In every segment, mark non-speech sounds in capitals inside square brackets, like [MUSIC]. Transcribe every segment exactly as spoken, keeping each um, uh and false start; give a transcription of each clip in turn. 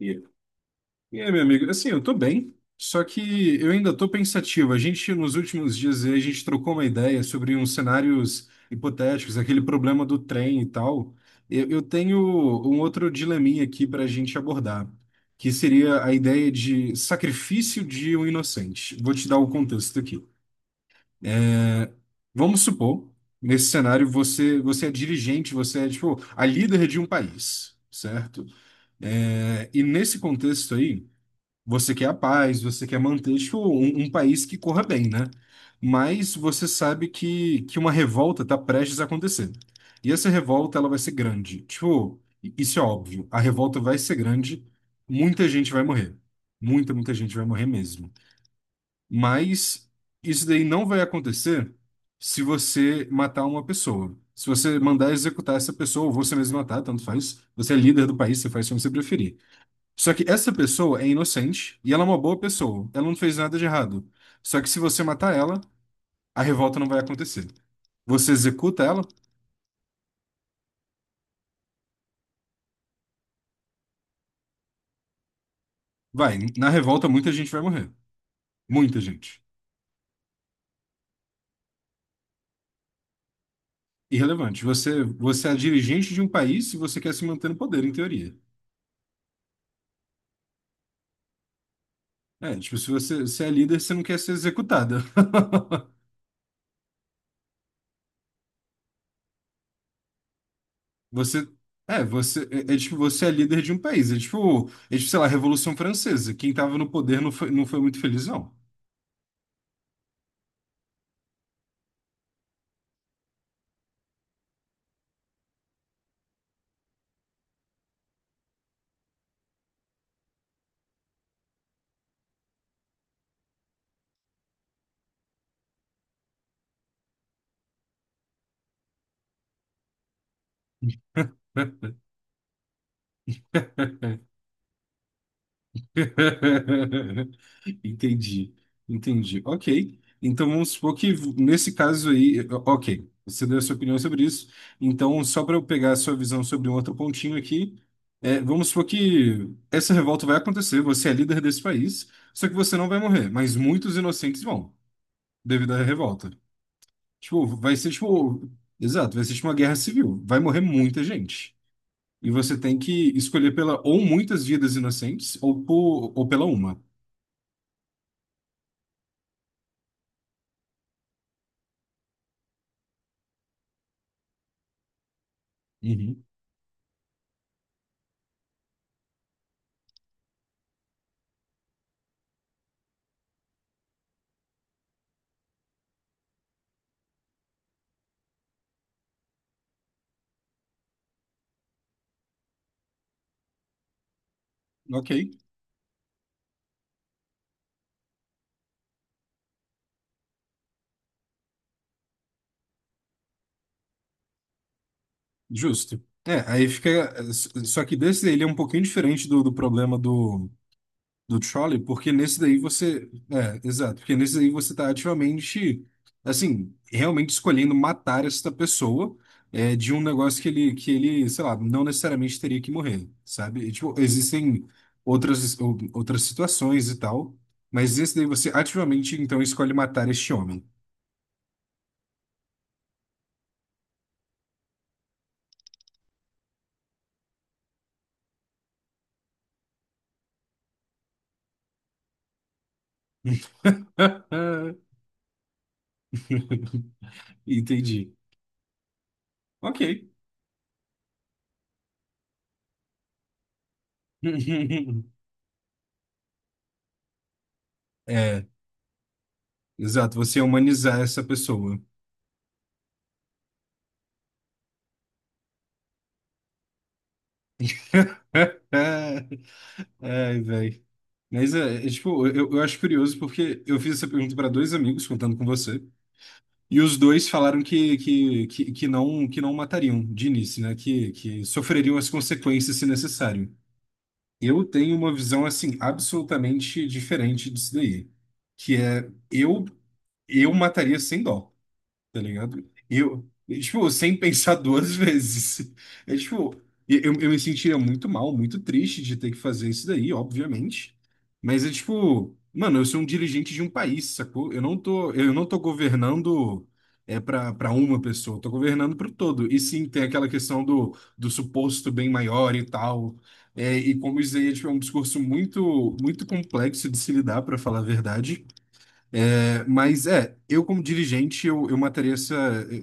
E, e aí, meu amigo, assim, eu tô bem, só que eu ainda tô pensativo. A gente, nos últimos dias, a gente trocou uma ideia sobre uns cenários hipotéticos, aquele problema do trem e tal. Eu, eu tenho um outro dileminha aqui pra gente abordar, que seria a ideia de sacrifício de um inocente. Vou te dar o contexto aqui. É, vamos supor, nesse cenário, você, você é dirigente, você é, tipo, a líder de um país, certo? É, e nesse contexto aí. Você quer a paz, você quer manter tipo, um, um país que corra bem, né? Mas você sabe que, que uma revolta está prestes a acontecer. E essa revolta ela vai ser grande. Tipo, isso é óbvio. A revolta vai ser grande, muita gente vai morrer. Muita, muita gente vai morrer mesmo. Mas isso daí não vai acontecer se você matar uma pessoa. Se você mandar executar essa pessoa, ou você mesmo matar, tanto faz. Você é líder do país, você faz como você preferir. Só que essa pessoa é inocente e ela é uma boa pessoa. Ela não fez nada de errado. Só que se você matar ela, a revolta não vai acontecer. Você executa ela, vai. Na revolta, muita gente vai morrer. Muita gente. Irrelevante. Você, você é dirigente de um país e você quer se manter no poder, em teoria. É, tipo, se você, se é líder, você não quer ser executada. [LAUGHS] Você. É, você é, é tipo, você é líder de um país. É tipo, é tipo, sei lá, a Revolução Francesa. Quem tava no poder não foi, não foi muito feliz, não. [LAUGHS] Entendi, entendi. Ok. Então vamos supor que nesse caso aí, ok, você deu a sua opinião sobre isso. Então, só para eu pegar a sua visão sobre um outro pontinho aqui, é, vamos supor que essa revolta vai acontecer, você é líder desse país, só que você não vai morrer, mas muitos inocentes vão, devido à revolta. Tipo, vai ser tipo. Exato, vai ser tipo uma guerra civil. Vai morrer muita gente. E você tem que escolher pela ou muitas vidas inocentes ou, por, ou pela uma. Uhum. Ok, justo. É, aí fica. Só que desse ele é um pouquinho diferente do, do problema do. Do Trolley, porque nesse daí você. É, exato, porque nesse daí você tá ativamente, assim, realmente escolhendo matar esta pessoa é, de um negócio que ele, que ele, sei lá, não necessariamente teria que morrer, sabe? E, tipo, existem outras, ou- outras situações e tal, mas nesse daí você ativamente, então, escolhe matar este homem. [LAUGHS] Entendi. Ok. [LAUGHS] É, exato, você humanizar essa pessoa. [LAUGHS] Ai, velho. Mas é, é, tipo, eu, eu acho curioso porque eu fiz essa pergunta para dois amigos contando com você, e os dois falaram que, que, que, que não que não matariam de início, né? Que, que sofreriam as consequências se necessário. Eu tenho uma visão assim absolutamente diferente disso daí, que é eu eu mataria sem dó, tá ligado? E eu, e, tipo, sem pensar duas [LAUGHS] vezes. É tipo, e eu, eu me sentiria muito mal, muito triste de ter que fazer isso daí, obviamente. Mas é tipo, mano, eu sou um dirigente de um país, sacou? Eu não tô, eu não tô governando é para para uma pessoa, eu tô governando para o todo. E sim, tem aquela questão do, do suposto bem maior e tal. É, e como isso aí é, tipo, é um discurso muito, muito complexo de se lidar, para falar a verdade. É, mas é, eu como dirigente, eu, eu mataria essa,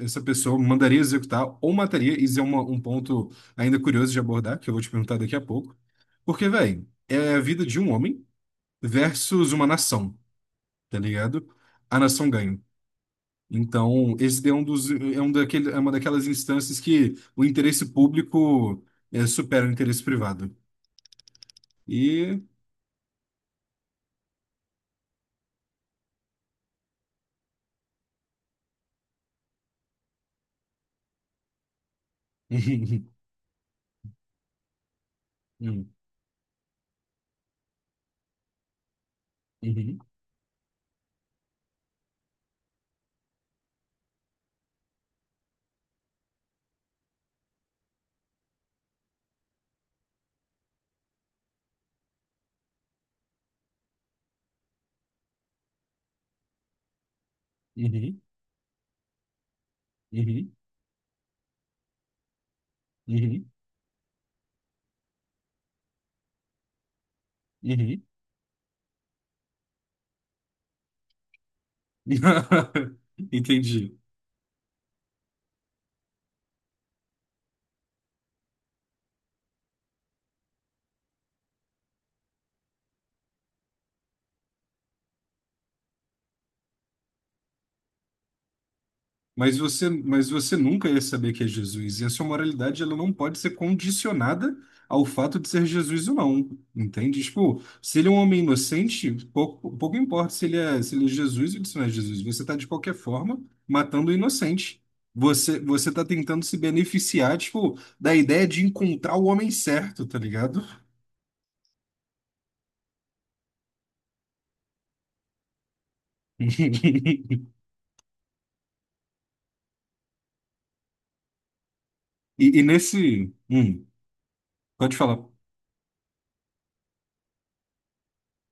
essa pessoa, mandaria executar ou mataria, isso é uma- um ponto ainda curioso de abordar, que eu vou te perguntar daqui a pouco. Porque, velho, é a vida de um homem versus uma nação, tá ligado? A nação ganha. Então, esse é um dos, é um daquele, é uma daquelas instâncias que o interesse público é, supera o interesse privado. E... [LAUGHS] Uhum, uhum, uhum, uhum, uhum, uhum, uhum, [LAUGHS] Entendi. Mas você, mas você nunca ia saber que é Jesus. E a sua moralidade, ela não pode ser condicionada ao fato de ser Jesus ou não. Entende? Tipo, se ele é um homem inocente, pouco, pouco importa se ele é, se ele é Jesus ou se não é Jesus. Você está, de qualquer forma, matando o inocente. Você, você tá tentando se beneficiar, tipo, da ideia de encontrar o homem certo, tá ligado? [LAUGHS] E, e nesse... hum, pode falar.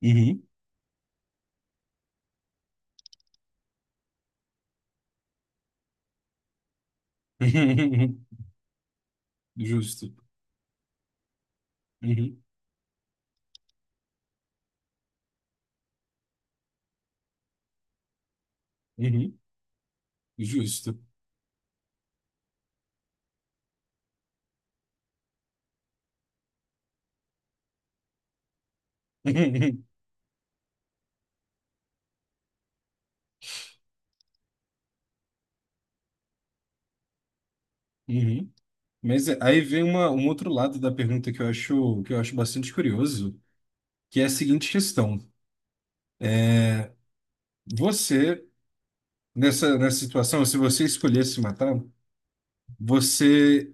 Uhum. [LAUGHS] Justo. Uhum, uhum, justo. [LAUGHS] Uhum, uhum. Mas é- aí vem uma, um outro lado da pergunta que eu acho, que eu acho bastante curioso, que é a seguinte questão. Você, nessa, nessa situação, se você escolhesse matar, você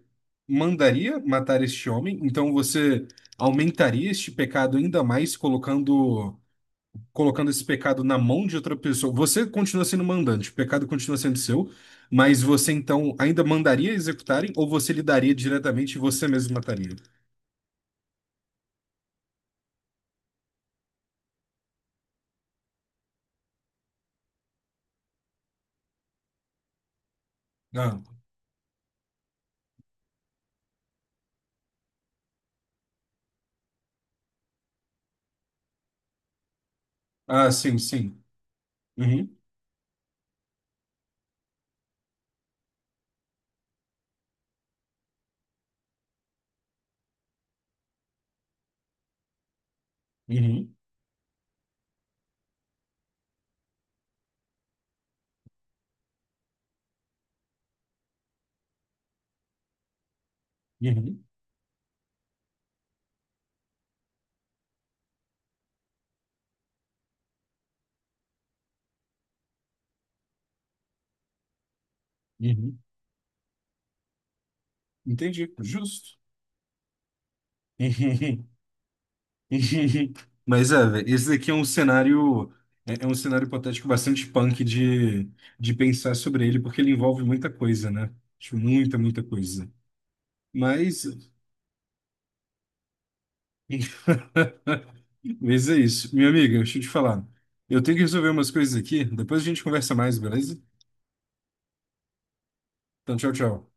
mandaria matar este homem? Então você aumentaria este pecado ainda mais, colocando colocando esse pecado na mão de outra pessoa. Você continua sendo mandante, o pecado continua sendo seu, mas você então ainda mandaria executarem ou você lidaria diretamente e você mesmo mataria? Ah, ah, sim, sim. Uhum, uhum, uhum, uhum. Entendi, justo. [LAUGHS] Uhum, uhum. Mas é, velho, esse daqui é um cenário. É é um cenário hipotético bastante punk de, de pensar sobre ele, porque ele envolve muita coisa, né? Tipo, muita, muita coisa. Mas [LAUGHS] mas é isso. Minha amiga, deixa eu te falar. Eu tenho que resolver umas coisas aqui. Depois a gente conversa mais, beleza? Então, tchau, tchau.